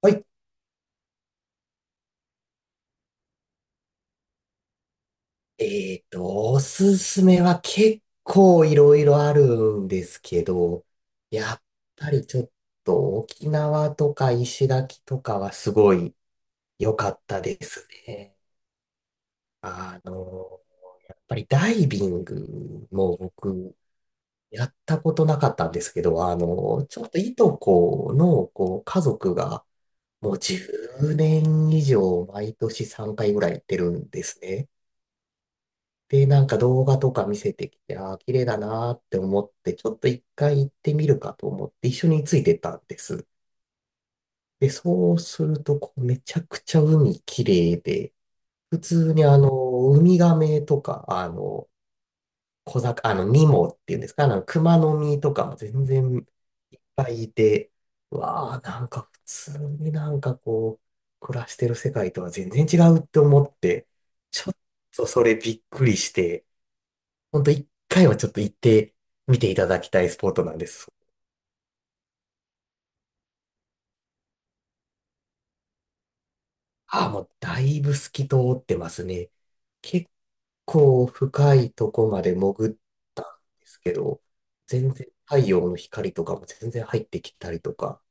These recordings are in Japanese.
はい。おすすめは結構いろいろあるんですけど、やっぱりちょっと沖縄とか石垣とかはすごい良かったですね。あの、やっぱりダイビングも僕やったことなかったんですけど、ちょっといとこのこう家族がもう10年以上毎年3回ぐらい行ってるんですね。で、なんか動画とか見せてきて、ああ、綺麗だなーって思って、ちょっと一回行ってみるかと思って一緒についてったんです。で、そうすると、こうめちゃくちゃ海綺麗で、普通にウミガメとか、小魚、ニモっていうんですか、熊の実とかも全然いっぱいいて、うわあ、なんか普通になんかこう、暮らしてる世界とは全然違うって思って、ちょっとそれびっくりして、ほんと一回はちょっと行ってみていただきたいスポットなんです。ああ、もうだいぶ透き通ってますね。結構深いとこまで潜ったんですけど、全然太陽の光とかも全然入ってきたりとか。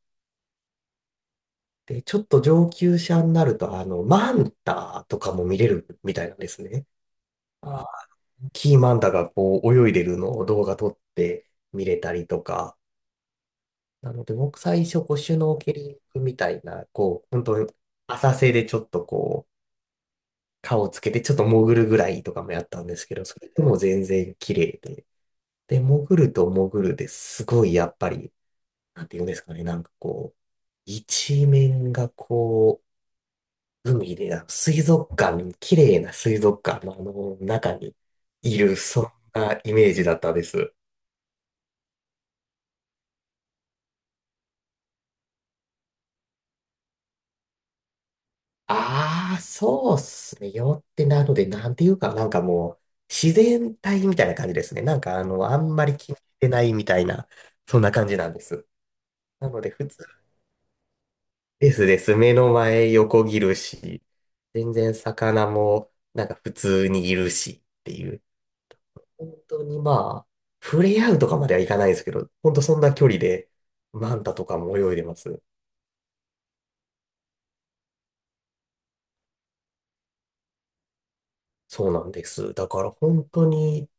で、ちょっと上級者になると、マンタとかも見れるみたいなんですね。ああ、キーマンタがこう泳いでるのを動画撮って見れたりとか。なので、僕最初、こう、シュノーケリングみたいな、こう、本当に浅瀬でちょっとこう、顔をつけてちょっと潜るぐらいとかもやったんですけど、それでも全然綺麗で。で、潜ると潜るですごいやっぱり、なんて言うんですかね、なんかこう、一面がこう、海で、あの水族館、綺麗な水族館のあの中にいる、そんなイメージだったです。ああ、そうっすね。よってなので、なんていうか、なんかもう、自然体みたいな感じですね。なんか、あんまり気にしてないみたいな、そんな感じなんです。なので、普通ですです。目の前横切るし、全然魚も、なんか普通にいるしっていう。本当にまあ、触れ合うとかまではいかないですけど、本当そんな距離で、マンタとかも泳いでます。そうなんです。だから本当に、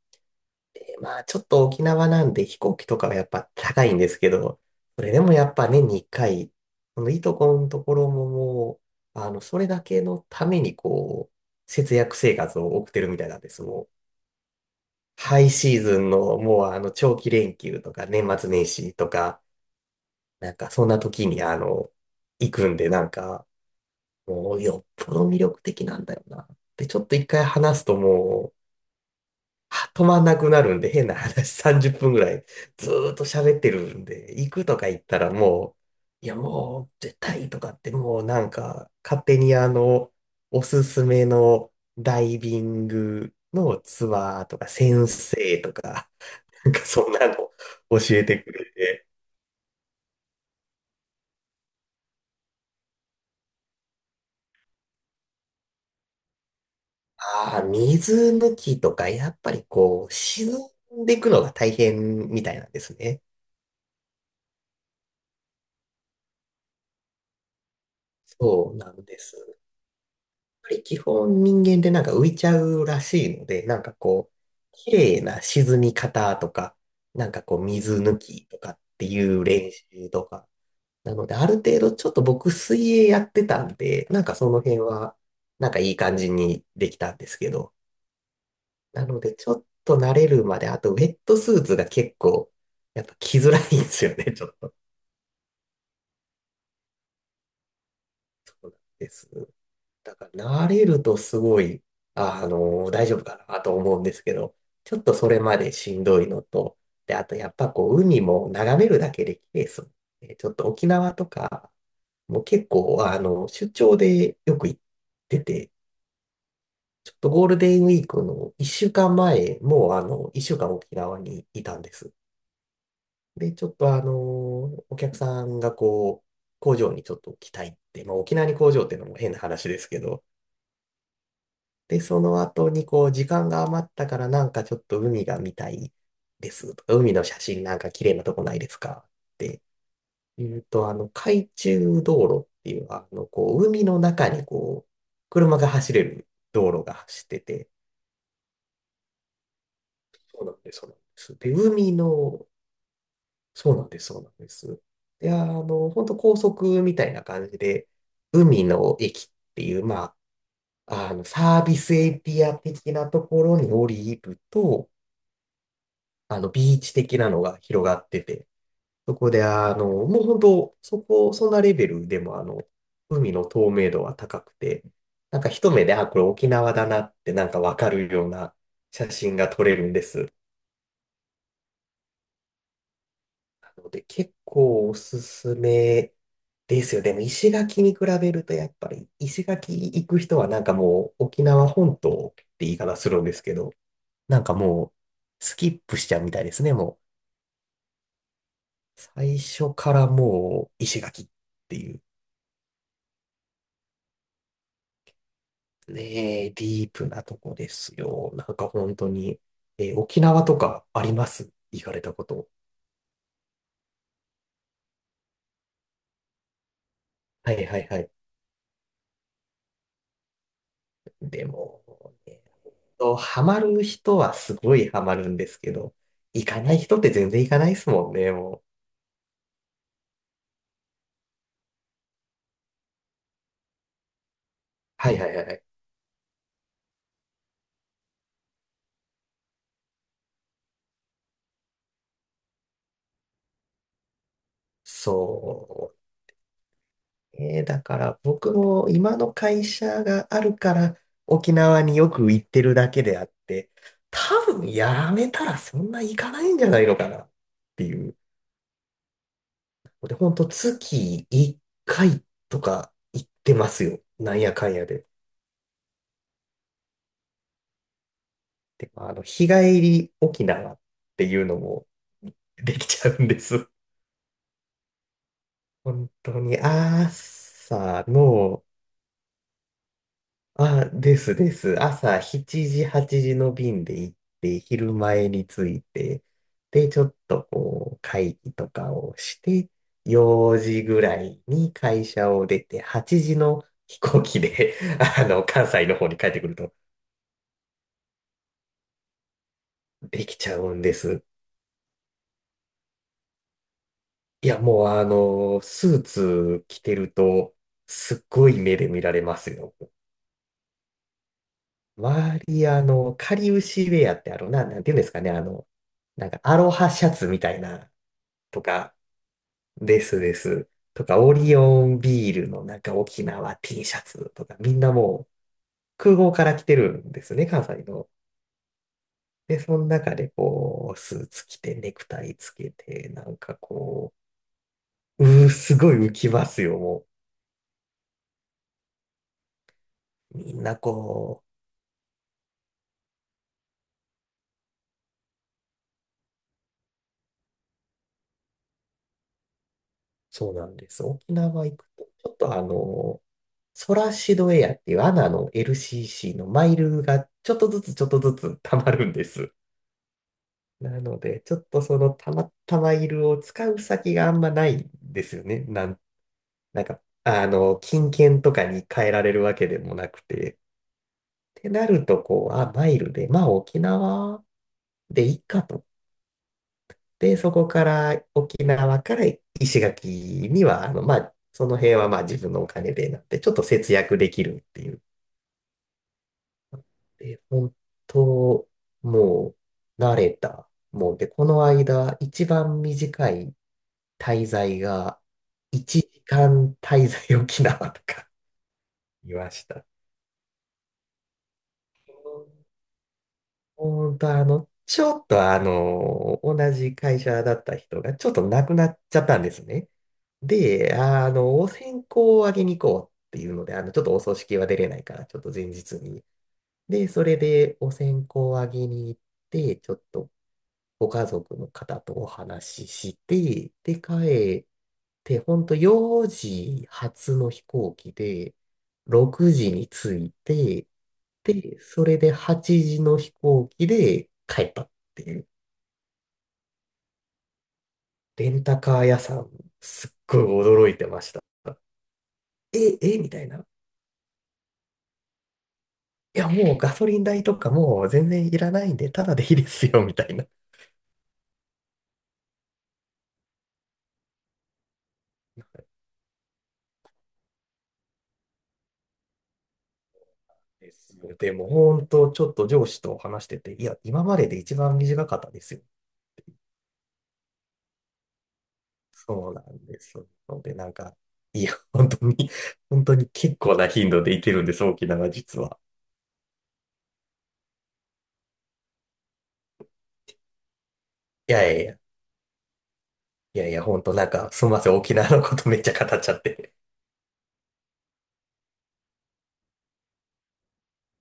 まあ、ちょっと沖縄なんで飛行機とかはやっぱ高いんですけど、それでもやっぱ年に1回、このいとこのところももう、それだけのためにこう、節約生活を送ってるみたいなんです。もう、ハイシーズンのもう長期連休とか年末年始とか、なんかそんな時に行くんでなんか、もうよっぽど魅力的なんだよな。で、ちょっと一回話すともう、は止まんなくなるんで、変な話、30分ぐらいずーっと喋ってるんで、行くとか言ったらもう、いやもう絶対とかってもうなんか勝手におすすめのダイビングのツアーとか先生とか、なんかそんなの 教えてくれて、ああ、水抜きとかやっぱりこう、沈んでいくのが大変みたいなんですね。そうなんです。ぱり基本人間でなんか浮いちゃうらしいので、なんかこう、綺麗な沈み方とか、なんかこう水抜きとかっていう練習とか。なのである程度ちょっと僕水泳やってたんで、なんかその辺はなんかいい感じにできたんですけど。なのでちょっと慣れるまで、あとウェットスーツが結構やっぱ着づらいんですよね、ちょっと。そうなんです。だから慣れるとすごい、大丈夫かなと思うんですけど、ちょっとそれまでしんどいのと、で、あとやっぱこう、海も眺めるだけで綺麗ですもんねちょっと沖縄とか、もう結構、出張でよく行ってて、ちょっとゴールデンウィークの1週間前、もう1週間沖縄にいたんです。で、ちょっとお客さんがこう、工場にちょっと来たいって、まあ沖縄に工場っていうのも変な話ですけど、で、その後にこう、時間が余ったからなんかちょっと海が見たいですとか、海の写真なんか綺麗なとこないですかって言うと、海中道路っていう、こう、海の中にこう、車が走れる道路が走ってて、そうなんです、そうなんです。で、海の、そうなんです、そうなんです。で、本当高速みたいな感じで、海の駅っていう、まあ、サービスエリア的なところに降りると、ビーチ的なのが広がってて、そこで、もう本当、そこ、そんなレベルでも、海の透明度は高くて、なんか一目で、あ、これ沖縄だなって、なんかわかるような写真が撮れるんです。なので、結構おすすめですよ。でも、石垣に比べると、やっぱり、石垣行く人は、なんかもう、沖縄本島って言い方するんですけど、なんかもう、スキップしちゃうみたいですね、もう。最初からもう石垣っていうね、ディープなとこですよ。なんか本当に、沖縄とかあります行かれたこと。はいはいはい。でも、ハマる人はすごいハマるんですけど、行かない人って全然行かないですもんね、もう。はいはいはい。そう。だから僕も今の会社があるから沖縄によく行ってるだけであって、多分やめたらそんな行かないんじゃないのかなっていう。で、ほんと月1回とか行ってますよ。なんやかんやで。で、まあの、日帰り沖縄っていうのもできちゃうんです。本当に朝のあ、ですです。朝7時、8時の便で行って、昼前に着いて、で、ちょっとこう、会議とかをして、4時ぐらいに会社を出て、8時の飛行機で 関西の方に帰ってくるとできちゃうんです。いや、もうスーツ着てると、すっごい目で見られますよ。周り、かりゆしウェアってなんていうんですかね、なんかアロハシャツみたいな、とか、ですです。とか、オリオンビールのなんか沖縄 T シャツとか、みんなもう空港から来てるんですね、関西の。で、その中でこう、スーツ着て、ネクタイつけて、なんかこう、うー、すごい浮きますよ、もう。みんなこう、そうなんです。沖縄行くと、ちょっとソラシドエアっていうアナの LCC のマイルがちょっとずつちょっとずつ溜まるんです。なので、ちょっとそのたまたまいるを使う先があんまないんですよね。なんか、金券とかに変えられるわけでもなくて。ってなると、こう、あ、マイルで、まあ沖縄でいいかと。で、そこから沖縄から石垣には、まあ、その辺はまあ自分のお金でなって、ちょっと節約できるっていう。で、本当、もう、慣れた。もう、で、この間、一番短い滞在が、1時間滞在沖縄とか いました。本当、ちょっと同じ会社だった人が、ちょっと亡くなっちゃったんですね。で、お線香をあげに行こうっていうので、ちょっとお葬式は出れないから、ちょっと前日に。で、それでお線香をあげに行って、ちょっとご家族の方とお話しして、で、帰って、ほんと4時発の飛行機で、6時に着いて、で、それで8時の飛行機で帰ったっていう。レンタカー屋さん、すっごい驚いてました。え、え、みたいな。いや、もうガソリン代とかもう全然いらないんで、ただでいいですよ、みたいな。ですでも、本当ちょっと上司と話してて、いや、今までで一番短かったですよ。そうなんです。ので、なんか、いや、本当に、本当に結構な頻度で行けてるんです、沖縄実は。いやいやいや、いやいや、本当なんか、すみません、沖縄のことめっちゃ語っちゃって。